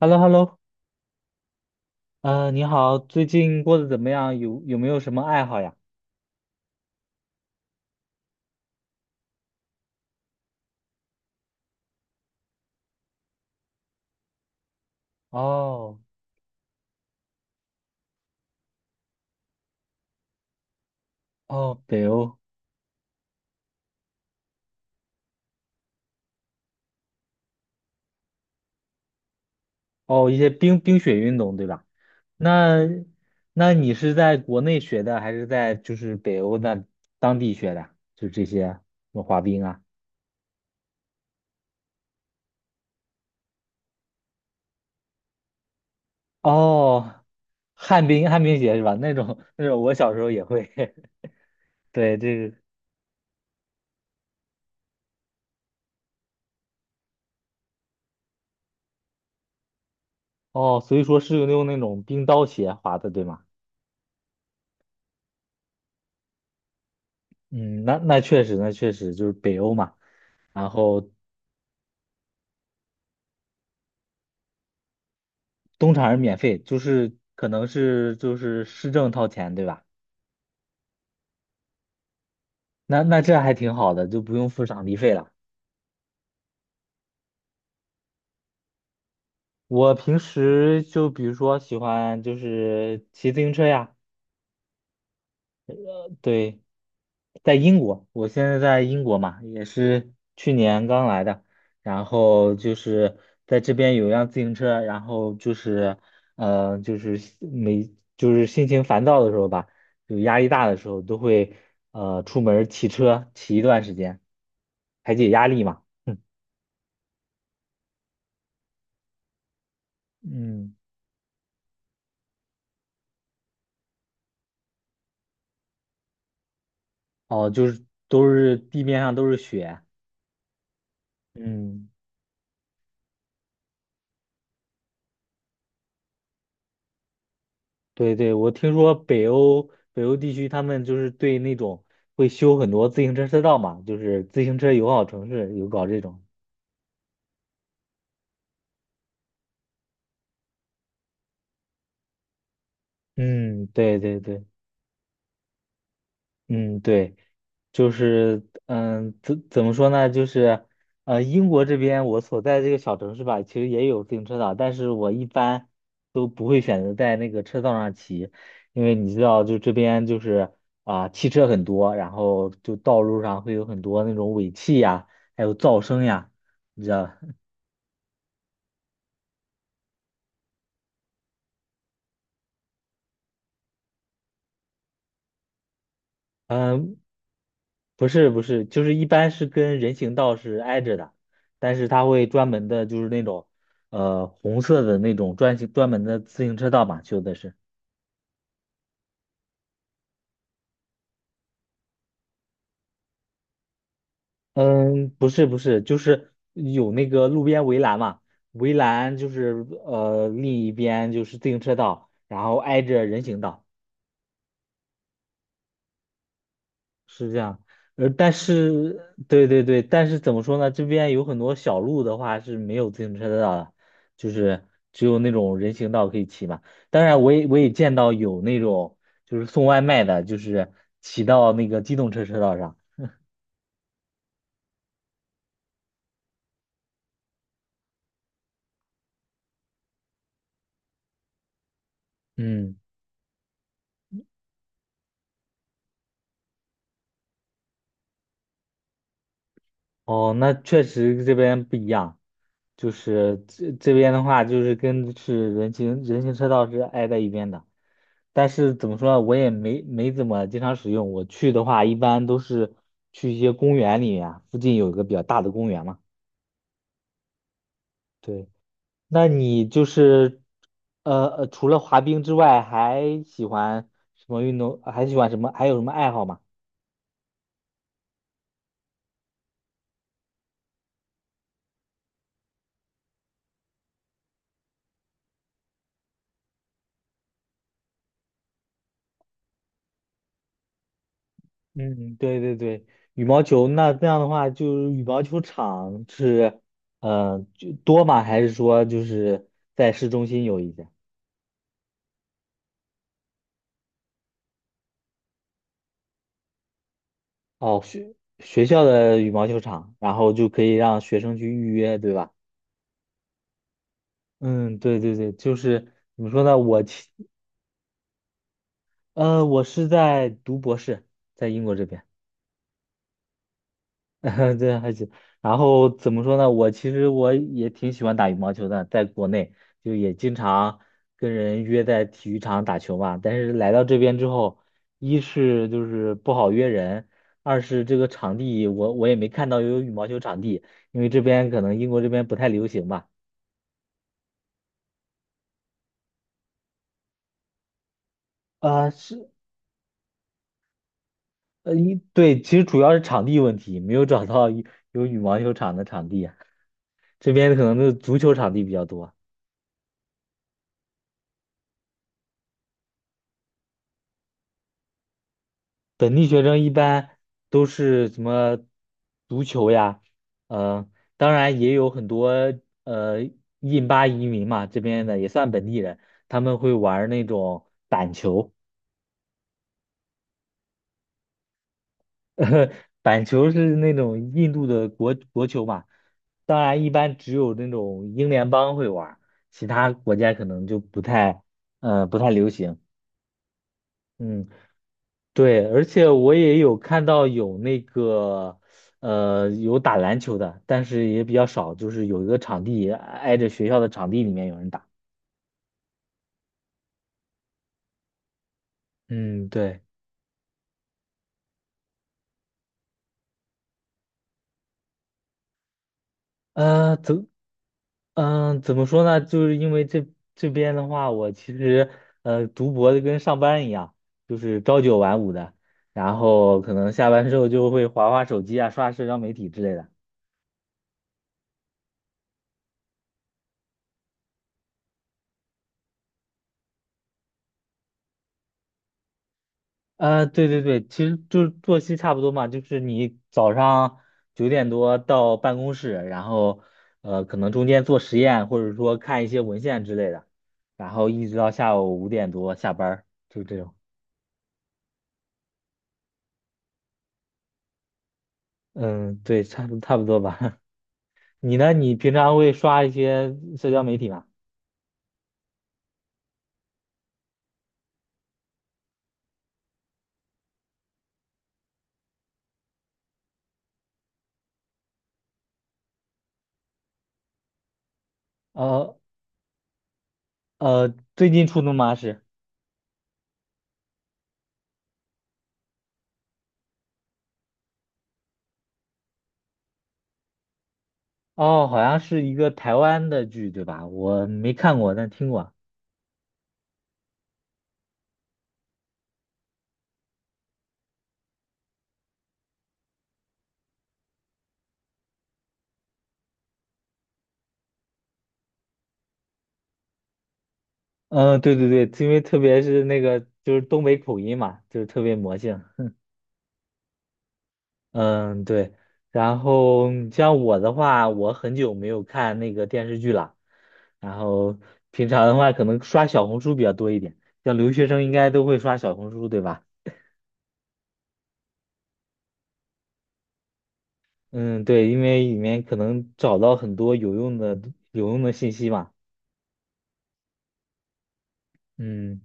h e l l o h e l l o 你好，最近过得怎么样？有没有什么爱好呀？哦哦，北欧。哦，一些冰雪运动，对吧？那那你是在国内学的，还是在就是北欧那当地学的？就这些什么滑冰啊？哦，旱冰鞋是吧？那种我小时候也会，对，这个哦，所以说是用那种冰刀鞋滑的，对吗？嗯，那确实就是北欧嘛。然后东厂是免费，就是可能是就是市政掏钱，对吧？那这还挺好的，就不用付场地费了。我平时就比如说喜欢就是骑自行车呀，对，在英国，我现在在英国嘛，也是去年刚来的，然后就是在这边有辆自行车，然后就是，就是心情烦躁的时候吧，就压力大的时候，都会出门儿骑车骑一段时间，排解压力嘛。嗯，哦，就是都是地面上都是雪，嗯。对对，我听说北欧地区他们就是对那种会修很多自行车车道嘛，就是自行车友好城市有搞这种。嗯，对对对，嗯对。就是嗯，怎么说呢？就是英国这边我所在这个小城市吧，其实也有自行车道，但是我一般都不会选择在那个车道上骑，因为你知道，就这边就是啊、汽车很多，然后就道路上会有很多那种尾气呀，还有噪声呀，你知道，嗯。不是，就是一般是跟人行道是挨着的，但是它会专门的，就是那种红色的那种专门的自行车道嘛，修的是。嗯，不是，就是有那个路边围栏嘛，围栏就是另一边就是自行车道，然后挨着人行道。是这样，但是，对对对，但是怎么说呢？这边有很多小路的话是没有自行车道的，就是只有那种人行道可以骑嘛。当然，我也见到有那种就是送外卖的，就是骑到那个机动车车道上。嗯，哦，那确实这边不一样，就是这边的话，就是跟是人行车道是挨在一边的，但是怎么说呢，我也没怎么经常使用。我去的话，一般都是去一些公园里面，附近有一个比较大的公园嘛。对，那你就是除了滑冰之外，还喜欢什么运动？还喜欢什么？还有什么爱好吗？嗯，对对对，羽毛球那样的话，就是羽毛球场是，呃，就多吗？还是说就是在市中心有一家？哦，学校的羽毛球场，然后就可以让学生去预约，对吧？嗯，对对对，就是怎么说呢？我是在读博士，在英国这边。对，还行。然后怎么说呢？我其实我也挺喜欢打羽毛球的，在国内就也经常跟人约在体育场打球嘛。但是来到这边之后，一是就是不好约人，二是这个场地我也没看到有羽毛球场地，因为这边可能英国这边不太流行吧。啊、是对，其实主要是场地问题，没有找到有羽毛球场的场地啊，这边可能是足球场地比较多。本地学生一般都是什么足球呀，呃，当然也有很多呃印巴移民嘛，这边的也算本地人，他们会玩儿那种球，板球是那种印度的国球嘛，当然一般只有那种英联邦会玩儿，其他国家可能就不太流行，嗯。对，而且我也有看到有那个，有打篮球的，但是也比较少，就是有一个场地挨着学校的场地里面有人打。嗯，对，呃，怎，怎么说呢？就是因为这边的话，我其实读博的跟上班一样，就是朝九晚五的，然后可能下班之后就会划划手机啊，刷社交媒体之类的。对对对，其实就是作息差不多嘛，就是你早上九点多到办公室，然后可能中间做实验或者说看一些文献之类的，然后一直到下午五点多下班儿，就是这种。嗯，对，差不多吧。你呢？你平常会刷一些社交媒体吗？呃最近出的吗？是哦，好像是一个台湾的剧，对吧？我没看过，但听过。嗯，对对对，因为特别是那个就是东北口音嘛，就是特别魔性。嗯，对。然后像我的话，我很久没有看那个电视剧了，然后平常的话可能刷小红书比较多一点，像留学生应该都会刷小红书，对吧？嗯，对，因为里面可能找到很多有用的信息嘛。嗯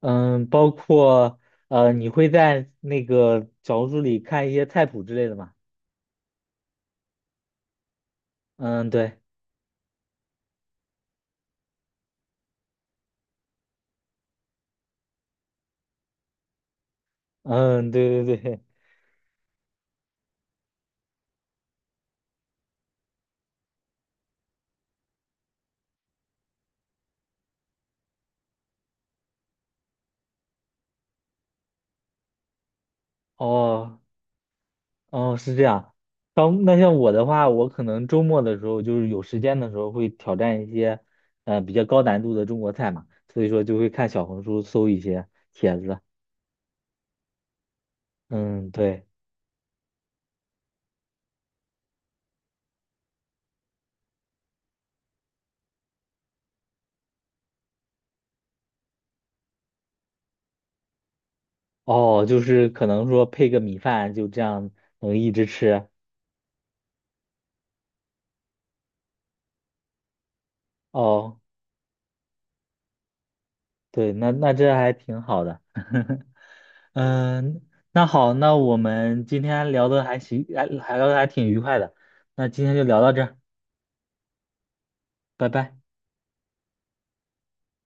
嗯，包括你会在那个小红书里看一些菜谱之类的吗？嗯，对。嗯，对对对，哦哦，是这样。当那像我的话，我可能周末的时候，就是有时间的时候，会挑战一些比较高难度的中国菜嘛，所以说就会看小红书搜一些帖子。嗯，对，哦，就是可能说配个米饭，就这样能一直吃。哦，对，那这还挺好的。嗯，那好，那我们今天聊的还行，还聊的还挺愉快的。那今天就聊到这儿，拜拜。